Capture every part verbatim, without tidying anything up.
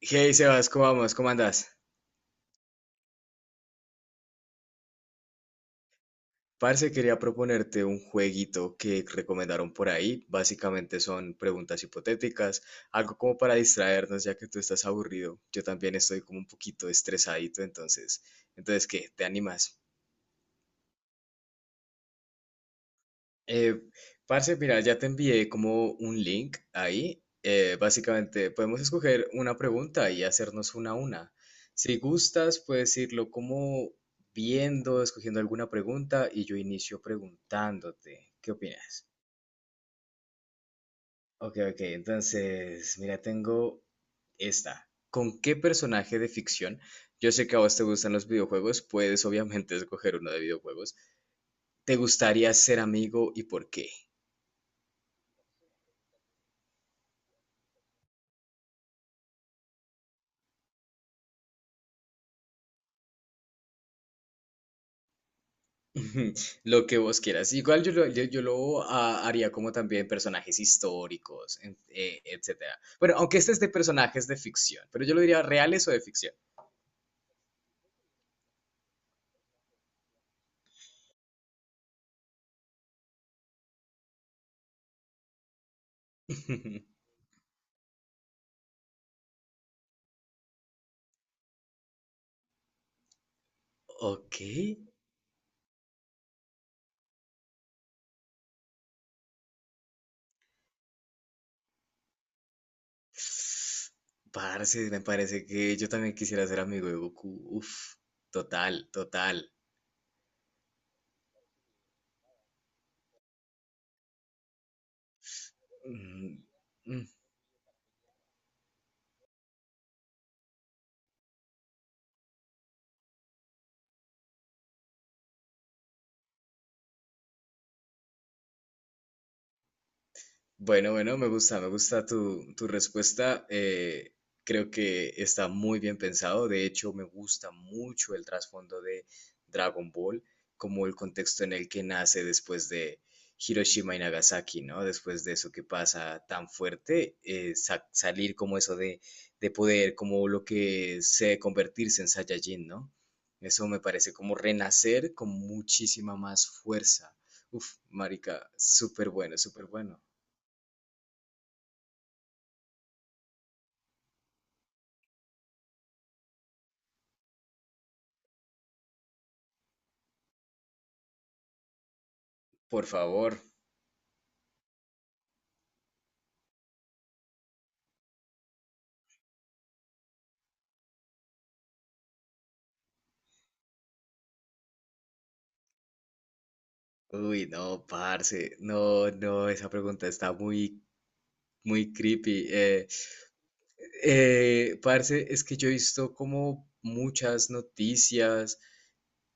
Hey Sebas, ¿cómo vamos? ¿Cómo andás? Parce, quería proponerte un jueguito que recomendaron por ahí. Básicamente son preguntas hipotéticas, algo como para distraernos, ya que tú estás aburrido. Yo también estoy como un poquito estresadito, entonces, entonces, ¿qué? ¿Te animas? Eh, parce, mira, ya te envié como un link ahí. Eh, básicamente, podemos escoger una pregunta y hacernos una a una. Si gustas, puedes irlo como viendo, escogiendo alguna pregunta y yo inicio preguntándote. ¿Qué opinas? Ok, ok, entonces, mira, tengo esta. ¿Con qué personaje de ficción? Yo sé que a vos te gustan los videojuegos, puedes obviamente escoger uno de videojuegos. ¿Te gustaría ser amigo y por qué? Lo que vos quieras. Igual yo lo, yo, yo lo ah, haría como también personajes históricos, en- eh, etcétera. Bueno, aunque este es de personajes de ficción, pero yo lo diría reales o de ficción. Ok. Parce, me parece que yo también quisiera ser amigo de Goku. Uf, total, total. Mm, mm. Bueno, bueno, me gusta, me gusta tu, tu respuesta. Eh, creo que está muy bien pensado. De hecho, me gusta mucho el trasfondo de Dragon Ball, como el contexto en el que nace después de Hiroshima y Nagasaki, ¿no? Después de eso que pasa tan fuerte, eh, sa- salir como eso de, de poder, como lo que sé convertirse en Saiyajin, ¿no? Eso me parece como renacer con muchísima más fuerza. Uf, marica, súper bueno, súper bueno. Por favor. Uy, no, parce. No, no, esa pregunta está muy, muy creepy. Eh, eh, parce, es que yo he visto como muchas noticias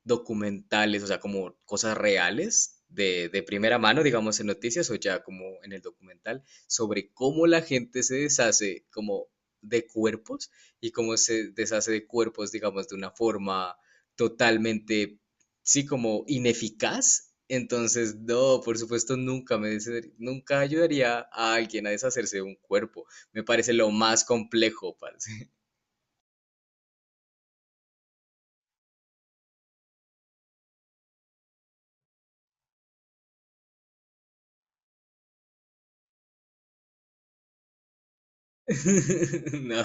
documentales, o sea, como cosas reales de, de primera mano, digamos, en noticias o ya como en el documental, sobre cómo la gente se deshace como de cuerpos y cómo se deshace de cuerpos, digamos, de una forma totalmente, sí, como ineficaz. Entonces, no, por supuesto, nunca me deshacer- nunca ayudaría a alguien a deshacerse de un cuerpo. Me parece lo más complejo, parce. No.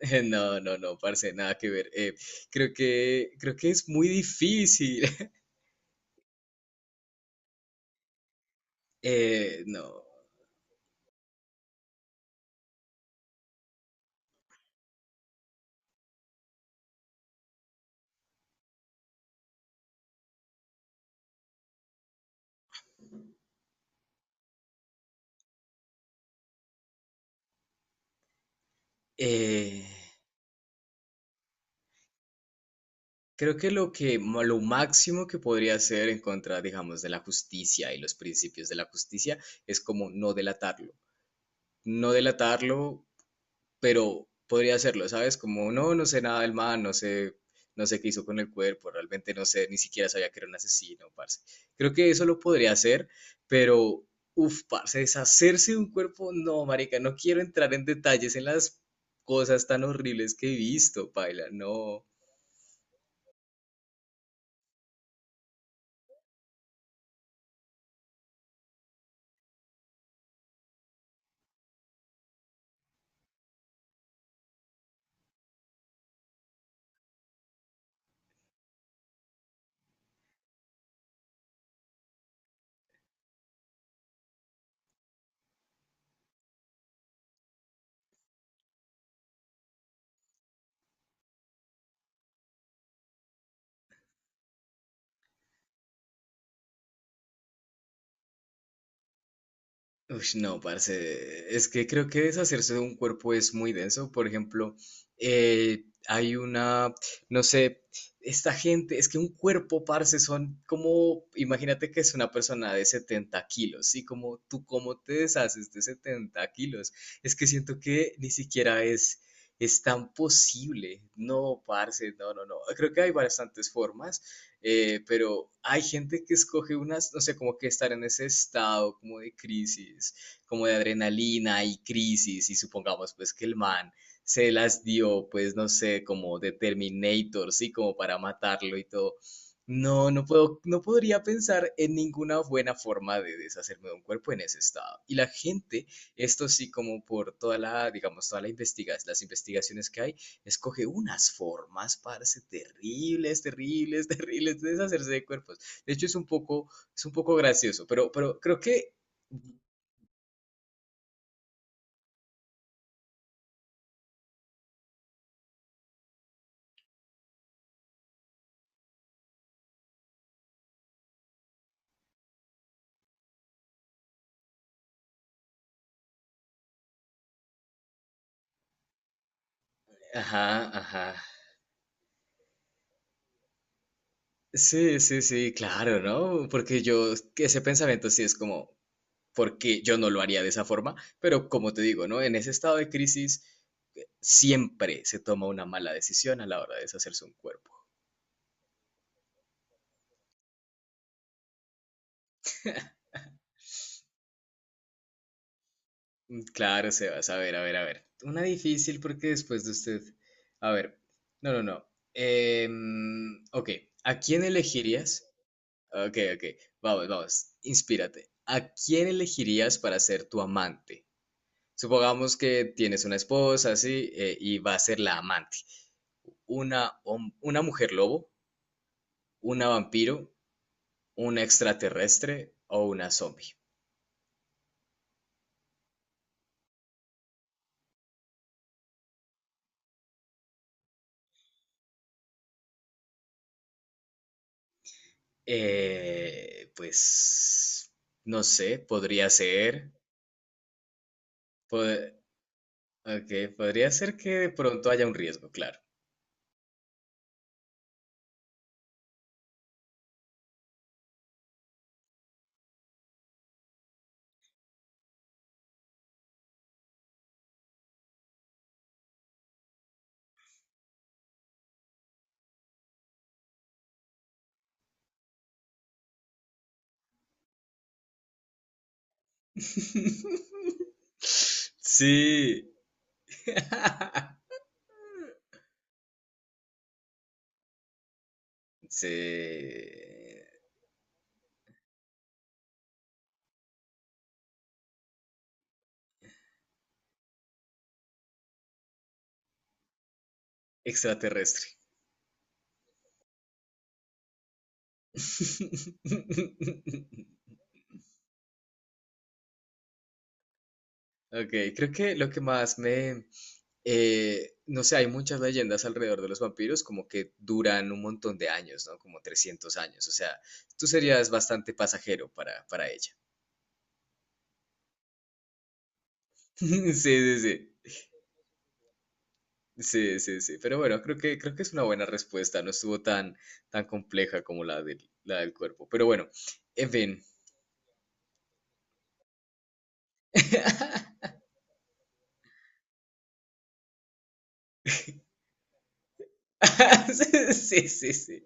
No, no, no, parce, nada que ver. Eh, creo que, creo que es muy difícil. Eh, no. Eh, creo que lo que, ma- lo máximo que podría hacer en contra, digamos, de la justicia y los principios de la justicia es como no delatarlo. No delatarlo pero podría hacerlo, ¿sabes? Como, no, no sé nada del man, no sé, no sé qué hizo con el cuerpo, realmente no sé, ni siquiera sabía que era un asesino, parce. Creo que eso lo podría hacer, pero, uff, parce, deshacerse de un cuerpo, no, marica, no quiero entrar en detalles en las cosas tan horribles que he visto, paila, no. Ush, no, parce. Es que creo que deshacerse de un cuerpo es muy denso. Por ejemplo, eh, hay una, no sé, esta gente, es que un cuerpo, parce, son como, imagínate que es una persona de setenta kilos, ¿sí? Como tú, ¿cómo te deshaces de setenta kilos? Es que siento que ni siquiera es, es tan posible. No, parce, no, no, no. Creo que hay bastantes formas eh, pero hay gente que escoge unas, no sé, como que estar en ese estado como de crisis, como de adrenalina y crisis, y supongamos pues que el man se las dio, pues no sé, como de Terminator, sí, como para matarlo y todo. No, no puedo, no podría pensar en ninguna buena forma de deshacerme de un cuerpo en ese estado. Y la gente, esto sí, como por toda la, digamos, toda la investigación, las investigaciones que hay, escoge unas formas, parce, terribles, terribles, terribles, de deshacerse de cuerpos. De hecho, es un poco, es un poco gracioso, pero, pero creo que... Ajá, ajá. Sí, sí, sí, claro, ¿no? Porque yo, que ese pensamiento sí es como, porque yo no lo haría de esa forma, pero como te digo, ¿no? En ese estado de crisis siempre se toma una mala decisión a la hora de deshacerse un cuerpo. Mm, claro, Sebas. A ver, a ver, a ver. Una difícil porque después de usted. A ver. No, no, no. Em, ok. ¿A quién elegirías? Ok, ok. Vamos, vamos. Inspírate. ¿A quién elegirías para ser tu amante? Supongamos que tienes una esposa, así, eh, y va a ser la amante. ¿Una, hom- Una mujer lobo? ¿Una vampiro? ¿Una extraterrestre? ¿O una zombie? Eh, pues. No sé, podría ser. Pod- ok, podría ser que de pronto haya un riesgo, claro. Sí. Sí. Extraterrestre. Ok, creo que lo que más me... eh, no sé, hay muchas leyendas alrededor de los vampiros como que duran un montón de años, ¿no? Como trescientos años. O sea, tú serías bastante pasajero para, para ella. Sí, sí, sí. Sí, sí, sí. Pero bueno, creo que, creo que es una buena respuesta. No estuvo tan, tan compleja como la del, la del cuerpo. Pero bueno, en fin. Sí, sí, sí.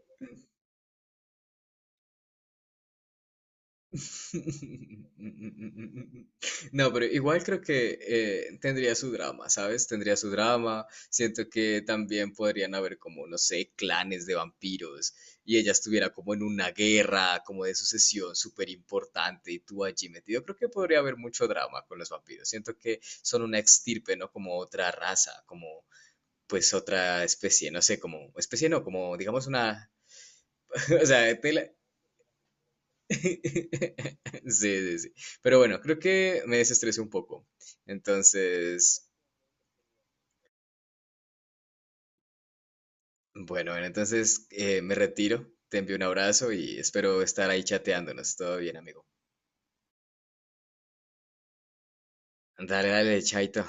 No, pero igual creo que eh, tendría su drama, ¿sabes? Tendría su drama. Siento que también podrían haber como, no sé, clanes de vampiros y ella estuviera como en una guerra, como de sucesión súper importante y tú allí metido. Creo que podría haber mucho drama con los vampiros. Siento que son una extirpe, ¿no? Como otra raza, como pues otra especie, no sé, como especie no, como digamos una, o sea, tela- Sí, sí, sí. Pero bueno, creo que me desestresé un poco. Entonces, bueno, bueno, entonces eh, me retiro. Te envío un abrazo y espero estar ahí chateándonos. Todo bien, amigo. Dale, dale, chaito.